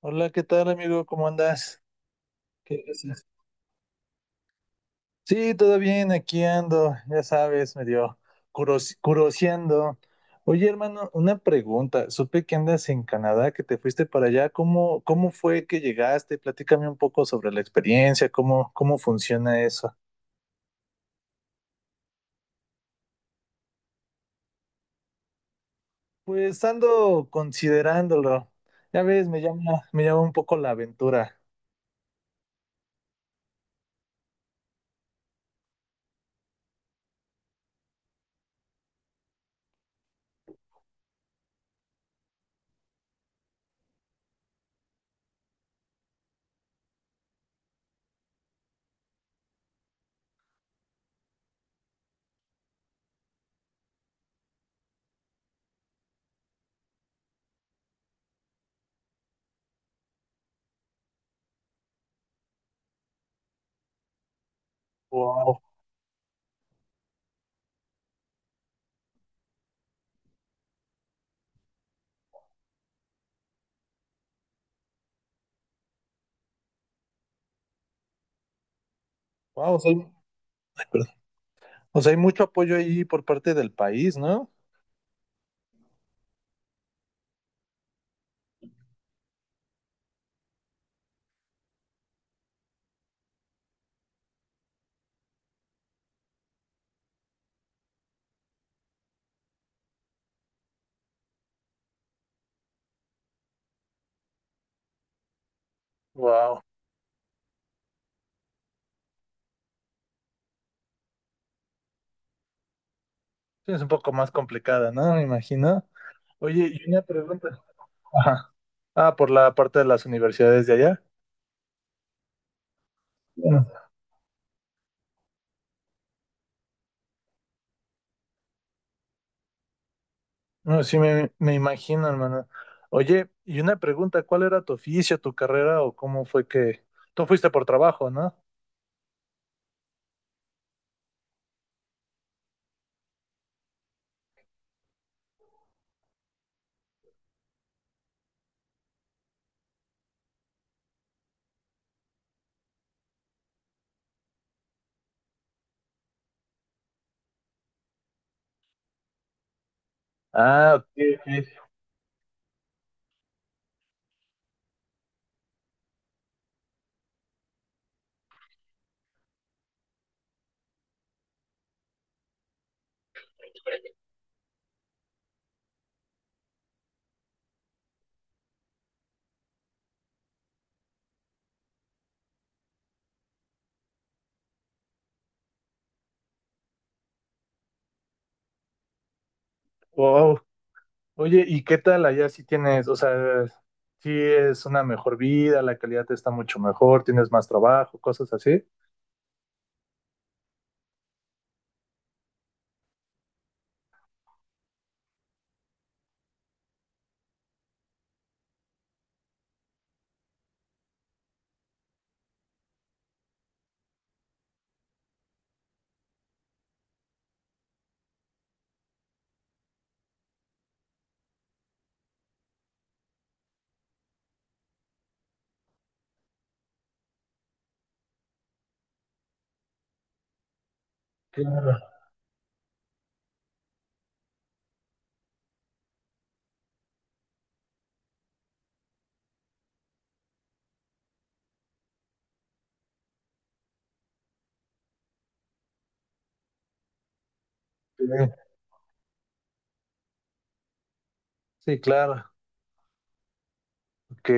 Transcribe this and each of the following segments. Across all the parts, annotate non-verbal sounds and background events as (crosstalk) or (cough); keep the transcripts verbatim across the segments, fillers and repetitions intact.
Hola, ¿qué tal, amigo? ¿Cómo andas? ¿Qué haces? Sí, todo bien, aquí ando, ya sabes, medio curos- curoseando. Oye, hermano, una pregunta. Supe que andas en Canadá, que te fuiste para allá. ¿Cómo, cómo fue que llegaste? Platícame un poco sobre la experiencia, cómo, cómo funciona eso. Pues ando considerándolo. Ya ves, me llama, me llama un poco la aventura. Wow, wow, soy- O sea, hay mucho apoyo ahí por parte del país, ¿no? Wow. Sí, es un poco más complicada, ¿no? Me imagino. Oye, y una pregunta. Ajá. Ah, por la parte de las universidades de allá. Bueno, no, sí, me, me imagino, hermano. Oye, y una pregunta, ¿cuál era tu oficio, tu carrera o cómo fue que... Tú fuiste por trabajo, ¿no? Ah, ok, ok. Wow. Oye, ¿y qué tal allá si tienes, o sea, si es una mejor vida, la calidad está mucho mejor, tienes más trabajo, cosas así? Claro. Sí, sí, claro. Ok.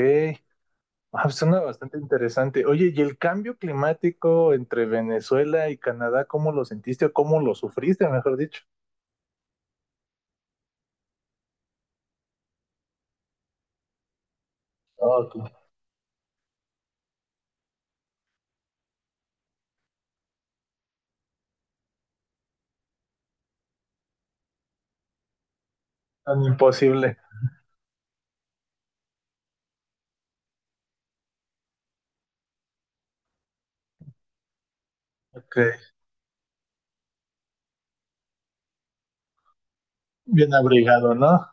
Ah, pues, suena bastante interesante. Oye, ¿y el cambio climático entre Venezuela y Canadá, cómo lo sentiste o cómo lo sufriste, mejor dicho? Oh, tan imposible. Ok, bien abrigado, ¿no?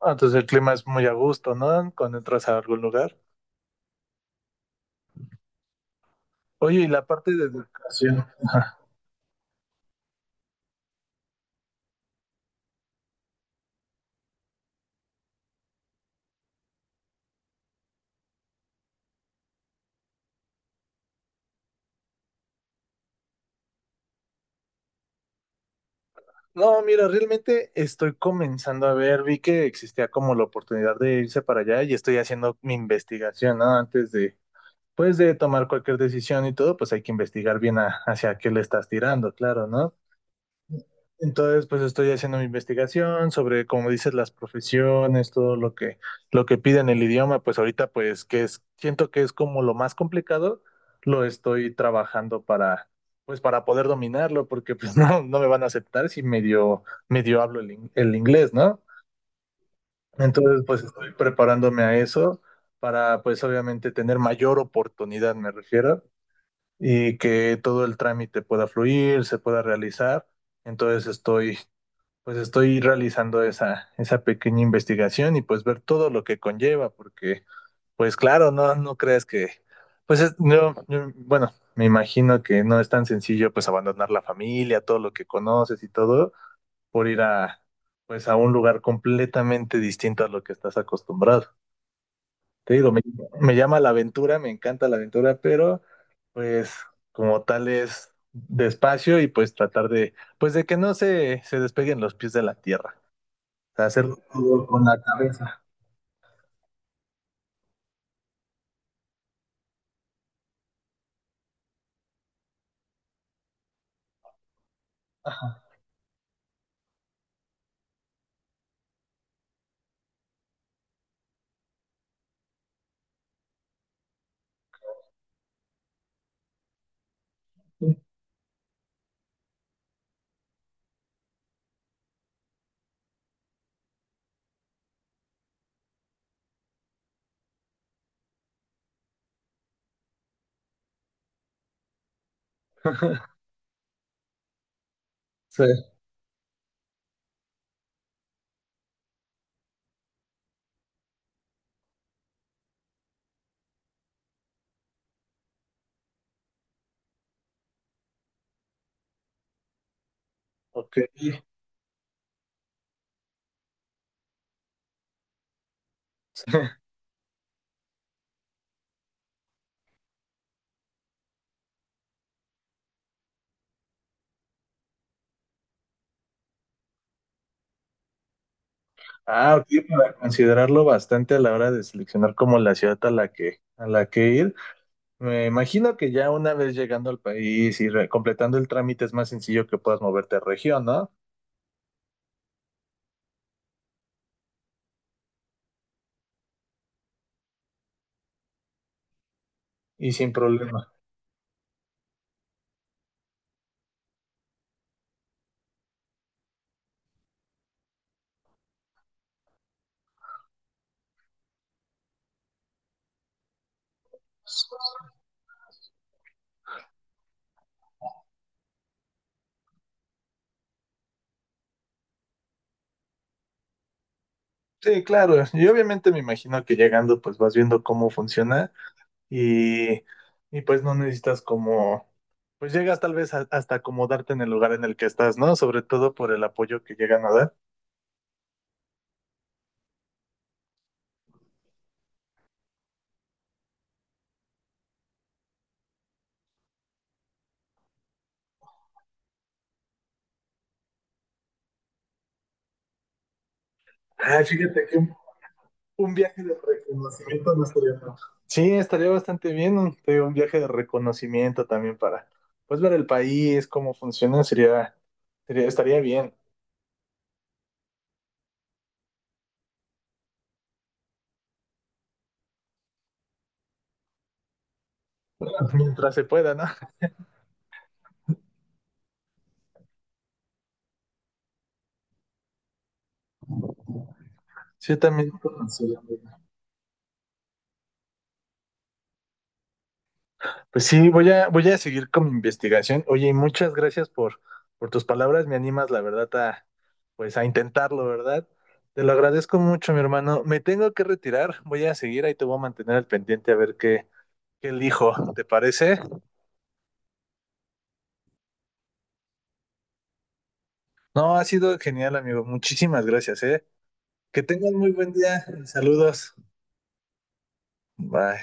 Ah, entonces el clima es muy a gusto, ¿no? Cuando entras a algún lugar. Oye, ¿y la parte de educación? No, mira, realmente estoy comenzando a ver, vi que existía como la oportunidad de irse para allá y estoy haciendo mi investigación, ¿no? Antes de, pues, de tomar cualquier decisión y todo, pues hay que investigar bien a- hacia qué le estás tirando, claro, ¿no? Entonces, pues estoy haciendo mi investigación sobre, como dices, las profesiones, todo lo que, lo que piden el idioma, pues ahorita, pues, que es, siento que es como lo más complicado, lo estoy trabajando para, pues, para poder dominarlo, porque pues (laughs) no, no me van a aceptar si medio, medio hablo el, in- el inglés, ¿no? Entonces, pues estoy preparándome a eso para, pues, obviamente tener mayor oportunidad, me refiero, y que todo el trámite pueda fluir, se pueda realizar. Entonces estoy, pues estoy realizando esa, esa pequeña investigación y pues ver todo lo que conlleva, porque pues claro, no, no crees que, pues es- no, yo- bueno, me imagino que no es tan sencillo pues abandonar la familia, todo lo que conoces y todo, por ir a, pues a un lugar completamente distinto a lo que estás acostumbrado. Te digo, me, me llama la aventura, me encanta la aventura, pero pues como tal es despacio y pues tratar de, pues de que no se, se despeguen los pies de la tierra. O sea, hacerlo todo con la cabeza. Ajá. Sí, ok. Ah, ok, para considerarlo bastante a la hora de seleccionar como la ciudad a la que, a la que ir. Me imagino que ya una vez llegando al país y re- completando el trámite es más sencillo que puedas moverte a región, ¿no? Y sin problema. Sí, claro. Y obviamente me imagino que llegando pues vas viendo cómo funciona y, y pues no necesitas como, pues llegas tal vez a- hasta acomodarte en el lugar en el que estás, ¿no? Sobre todo por el apoyo que llegan a dar. Ah, fíjate que un, un viaje de reconocimiento no estaría mal. Sí, estaría bastante bien, un, te digo, un viaje de reconocimiento también para pues ver el país, cómo funciona, sería, sería estaría bien mientras se pueda, ¿no? Sí, también. Pues sí, voy a, voy a seguir con mi investigación. Oye, y muchas gracias por, por tus palabras. Me animas, la verdad, a, pues a intentarlo, ¿verdad? Te lo agradezco mucho, mi hermano. Me tengo que retirar. Voy a seguir, ahí te voy a mantener al pendiente a ver qué, qué elijo. ¿Te parece? No, ha sido genial, amigo. Muchísimas gracias, ¿eh? Que tengas muy buen día. Saludos. Bye.